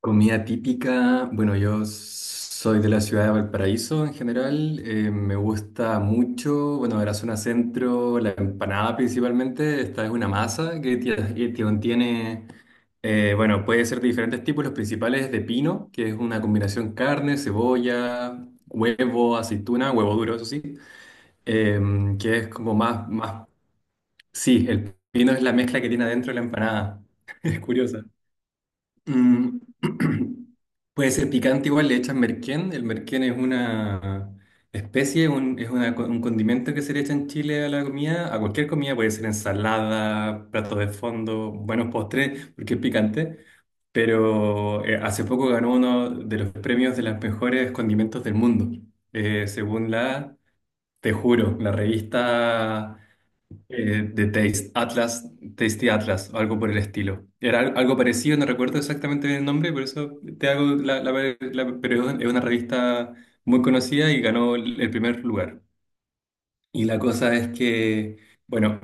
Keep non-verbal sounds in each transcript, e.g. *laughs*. Comida típica, bueno, yo soy de la ciudad de Valparaíso en general, me gusta mucho, bueno, de la zona centro, la empanada principalmente, esta es una masa que contiene, bueno, puede ser de diferentes tipos, los principales de pino, que es una combinación carne, cebolla, huevo, aceituna, huevo duro, eso sí, que es como más, más, sí, el pino es la mezcla que tiene adentro la empanada, *laughs* es curiosa. Mm, *clears throat* puede ser picante igual, le echan merquén. El merquén es una especie, es una un condimento que se le echa en Chile a la comida, a cualquier comida, puede ser ensalada, platos de fondo, buenos postres, porque es picante. Pero hace poco ganó uno de los premios de los mejores condimentos del mundo, según la, te juro, la revista de Taste, Atlas, Tasty Atlas, o algo por el estilo. Era algo parecido, no recuerdo exactamente el nombre, por eso te hago pero es una revista muy conocida y ganó el primer lugar. Y la cosa es que, bueno,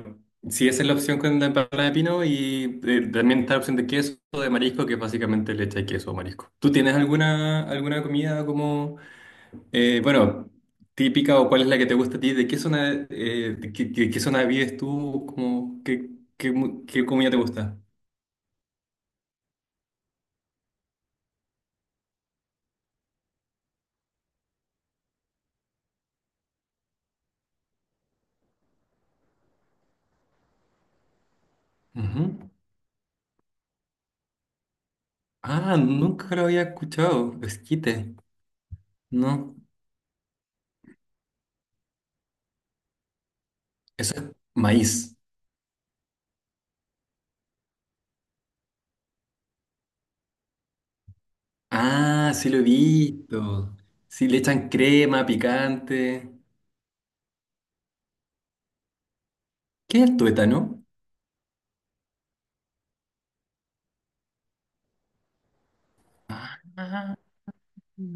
si esa es la opción con la empanada de pino y también está la opción de queso, o de marisco, que es básicamente leche y queso o marisco. ¿Tú tienes alguna comida como... bueno, típica o cuál es la que te gusta a ti, ¿de qué zona, de qué, qué zona vives tú? ¿Cómo, qué comida te gusta? Ujú. Ah, nunca lo había escuchado, esquite. No, eso es maíz. Ah, sí lo he visto. Sí, le echan crema, picante. ¿Qué es el tuétano? Ah, ah,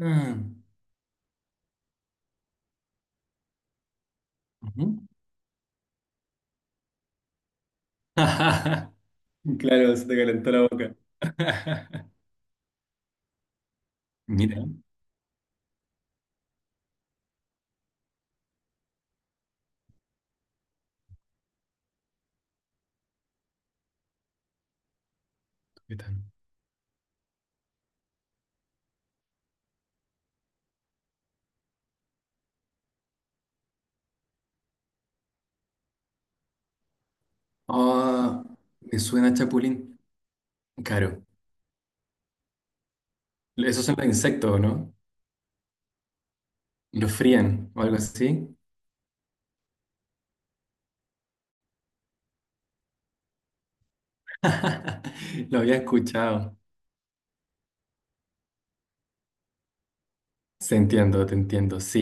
ah. Ujú. *laughs* Claro, se te calentó la boca. *laughs* Mira, tuétano. Ah, me suena chapulín. Claro. Esos son los insectos, ¿no? Los frían o algo así. *laughs* Lo había escuchado. Se entiendo, te entiendo, sí.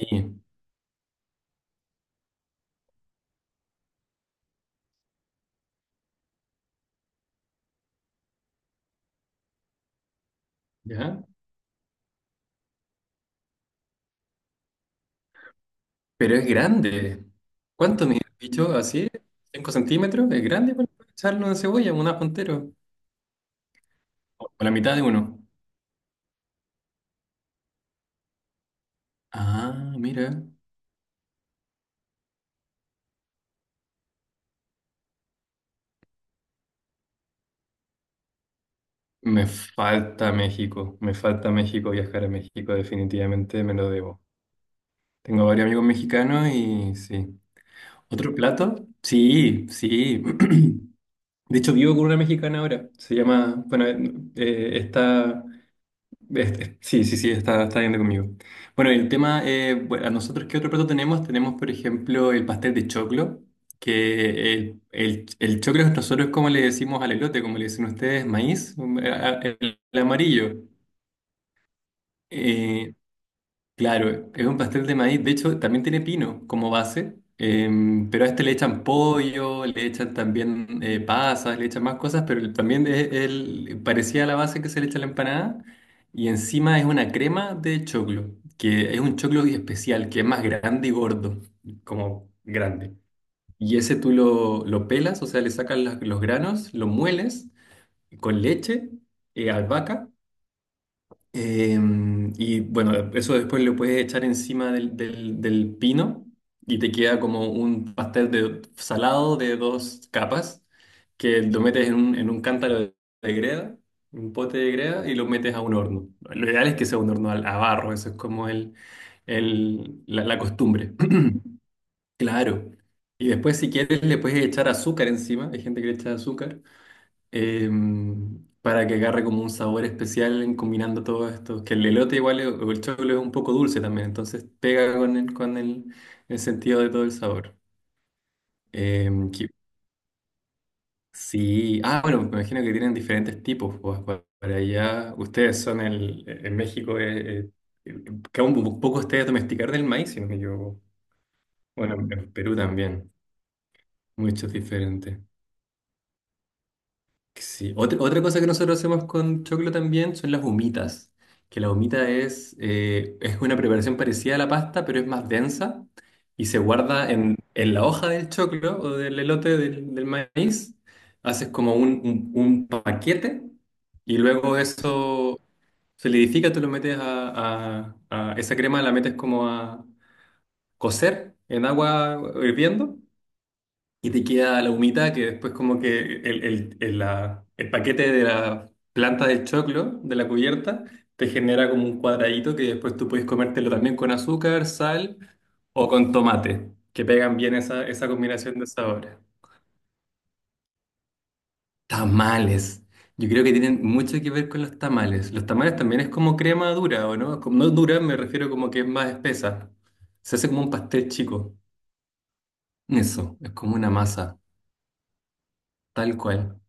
¿Ya? Pero es grande. ¿Cuánto mide el bicho? ¿Así? ¿5 centímetros? ¿Es grande para echarlo en cebolla? ¿Un ajo entero? O la mitad de uno. Ah, mira. Me falta México. Me falta México. Viajar a México definitivamente me lo debo. Tengo varios amigos mexicanos y sí. ¿Otro plato? Sí, sí. *clears throat* De hecho, vivo con una mexicana ahora. Se llama, bueno, eh, está, sí, sí, sí, está viendo conmigo. Bueno, el tema, bueno, nosotros, ¿qué otro plato tenemos? Tenemos, por ejemplo, el pastel de choclo, que el choclo nosotros, como le decimos al elote, como le dicen ustedes, maíz, el amarillo. Eh, Claro, es un pastel de maíz. De hecho, también tiene pino como base, pero a este le echan pollo, le echan también pasas, le echan más cosas, pero también es el, parecía la base que se le echa a la empanada. Y encima es una crema de choclo, que es un choclo especial, que es más grande y gordo, como grande. Y ese tú lo pelas, o sea, los granos, lo mueles con leche, albahaca. Y bueno, eso después lo puedes echar encima del pino y te queda como un pastel de salado de dos capas que lo metes en un cántaro de greda, un pote de greda y lo metes a un horno. Lo ideal es que sea un horno a, barro, eso es como la costumbre. *clears throat* Claro. Y después si quieres le puedes echar azúcar encima, hay gente que le echa azúcar para que agarre como un sabor especial en combinando todo esto. Que el elote igual o el choclo es un poco dulce también, entonces pega con el sentido de todo el sabor. Em, que- sí, ah, bueno, me imagino que tienen diferentes tipos. Pues, para allá, ustedes son en México, eh, que aún un poco ustedes domesticar del maíz, sino que yo, bueno, en Perú también, muchos diferentes. Sí. Otra cosa que nosotros hacemos con choclo también son las humitas, que la humita es una preparación parecida a la pasta, pero es más densa y se guarda en la hoja del choclo o del elote del maíz. Haces como un paquete y luego eso solidifica, tú lo metes esa crema, la metes como a cocer en agua hirviendo y te queda la humita que después como que el paquete de la planta del choclo, de la cubierta, te genera como un cuadradito que después tú puedes comértelo también con azúcar, sal o con tomate, que pegan bien esa combinación de sabores. Tamales. Yo creo que tienen mucho que ver con los tamales. Los tamales también es como crema dura, ¿o no? Como no dura, me refiero como que es más espesa. Se hace como un pastel chico. Eso, es como una masa, tal cual.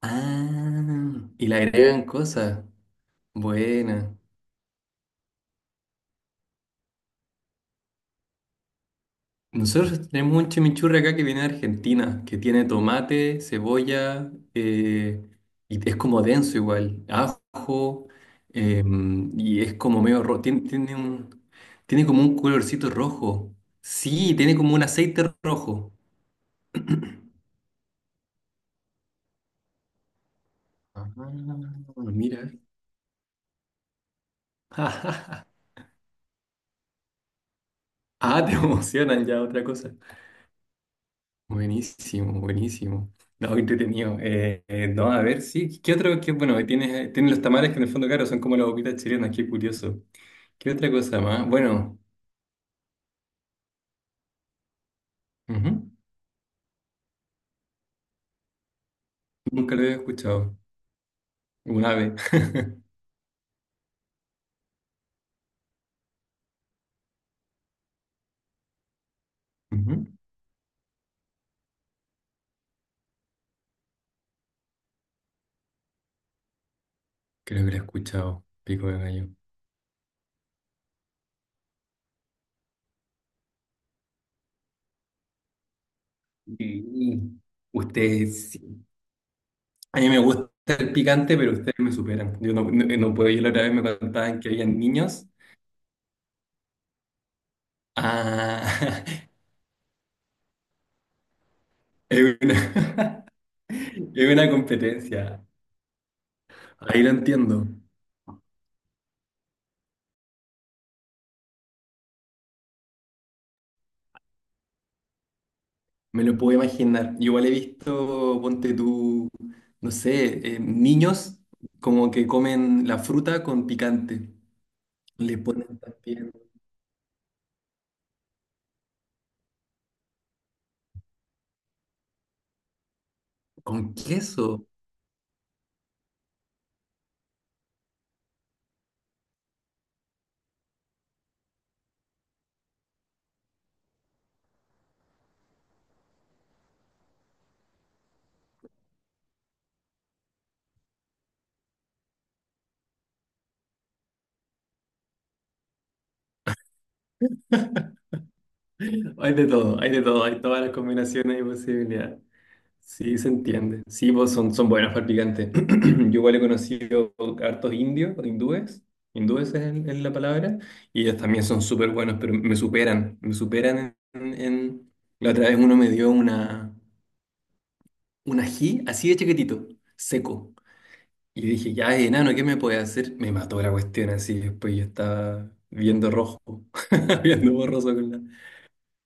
Ah, y le agregan cosas. Buena. Nosotros tenemos un chimichurri acá que viene de Argentina, que tiene tomate, cebolla, y es como denso igual, ajo, eh, y es como medio rojo. Tiene como un colorcito rojo. Sí, tiene como un aceite rojo. Ah, mira. *laughs* Ah, te emocionan ya otra cosa. Buenísimo, buenísimo. No, qué entretenido. No, a ver, sí. ¿Qué otro? Qué, bueno, tiene los tamales que en el fondo, claro, son como las boquitas chilenas, qué curioso. ¿Qué otra cosa más? Bueno. Ujú. Nunca lo había escuchado. Un ave. *laughs* Ujú. Creo que lo he escuchado. Pico de gallo. Y ustedes, sí. A mí me gusta el picante, pero ustedes me superan. Yo no, no, no puedo. Yo la otra vez me contaban que habían niños. Ah, *laughs* es una, *laughs* es una competencia. Ahí lo entiendo, me lo puedo imaginar. Yo igual he visto, ponte tú, no sé, niños como que comen la fruta con picante. Le ponen también con queso. Hay de todo, hay de todo, hay todas las combinaciones y posibilidades. Sí, se entiende. Sí, pues son buenos para el picante. *clears throat* Yo igual he conocido hartos indios, o hindúes, hindúes es, es la palabra, y ellos también son súper buenos, pero me superan, me superan. La otra vez uno me dio un ají así de chiquitito, seco. Y dije, ya, enano, ¿qué me puede hacer? Me mató la cuestión así. Después yo estaba viendo rojo, *laughs* viendo borroso con la.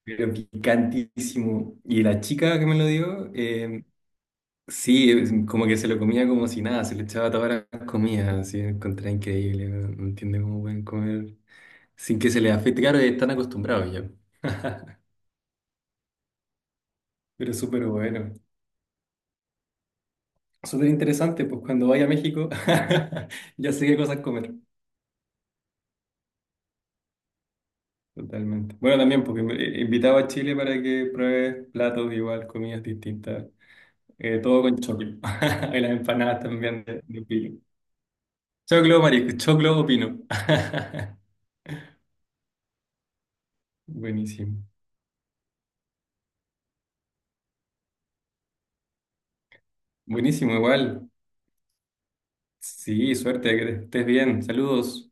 Pero picantísimo. Y la chica que me lo dio, sí, es como que se lo comía como si nada, se le echaba todas las comidas, así, lo encontré increíble. No entiendo cómo pueden comer sin que se les afecte. Claro, están acostumbrados ya. *laughs* Pero súper bueno. Súper interesante, pues cuando vaya a México, *laughs* ya sé qué cosas comer. Totalmente. Bueno, también porque invitaba a Chile para que pruebes platos igual, comidas distintas. Todo con choclo. *laughs* Y las empanadas también de pino. Choclo, marisco, choclo o pino. *laughs* Buenísimo. Buenísimo, igual. Sí, suerte, que estés bien. Saludos.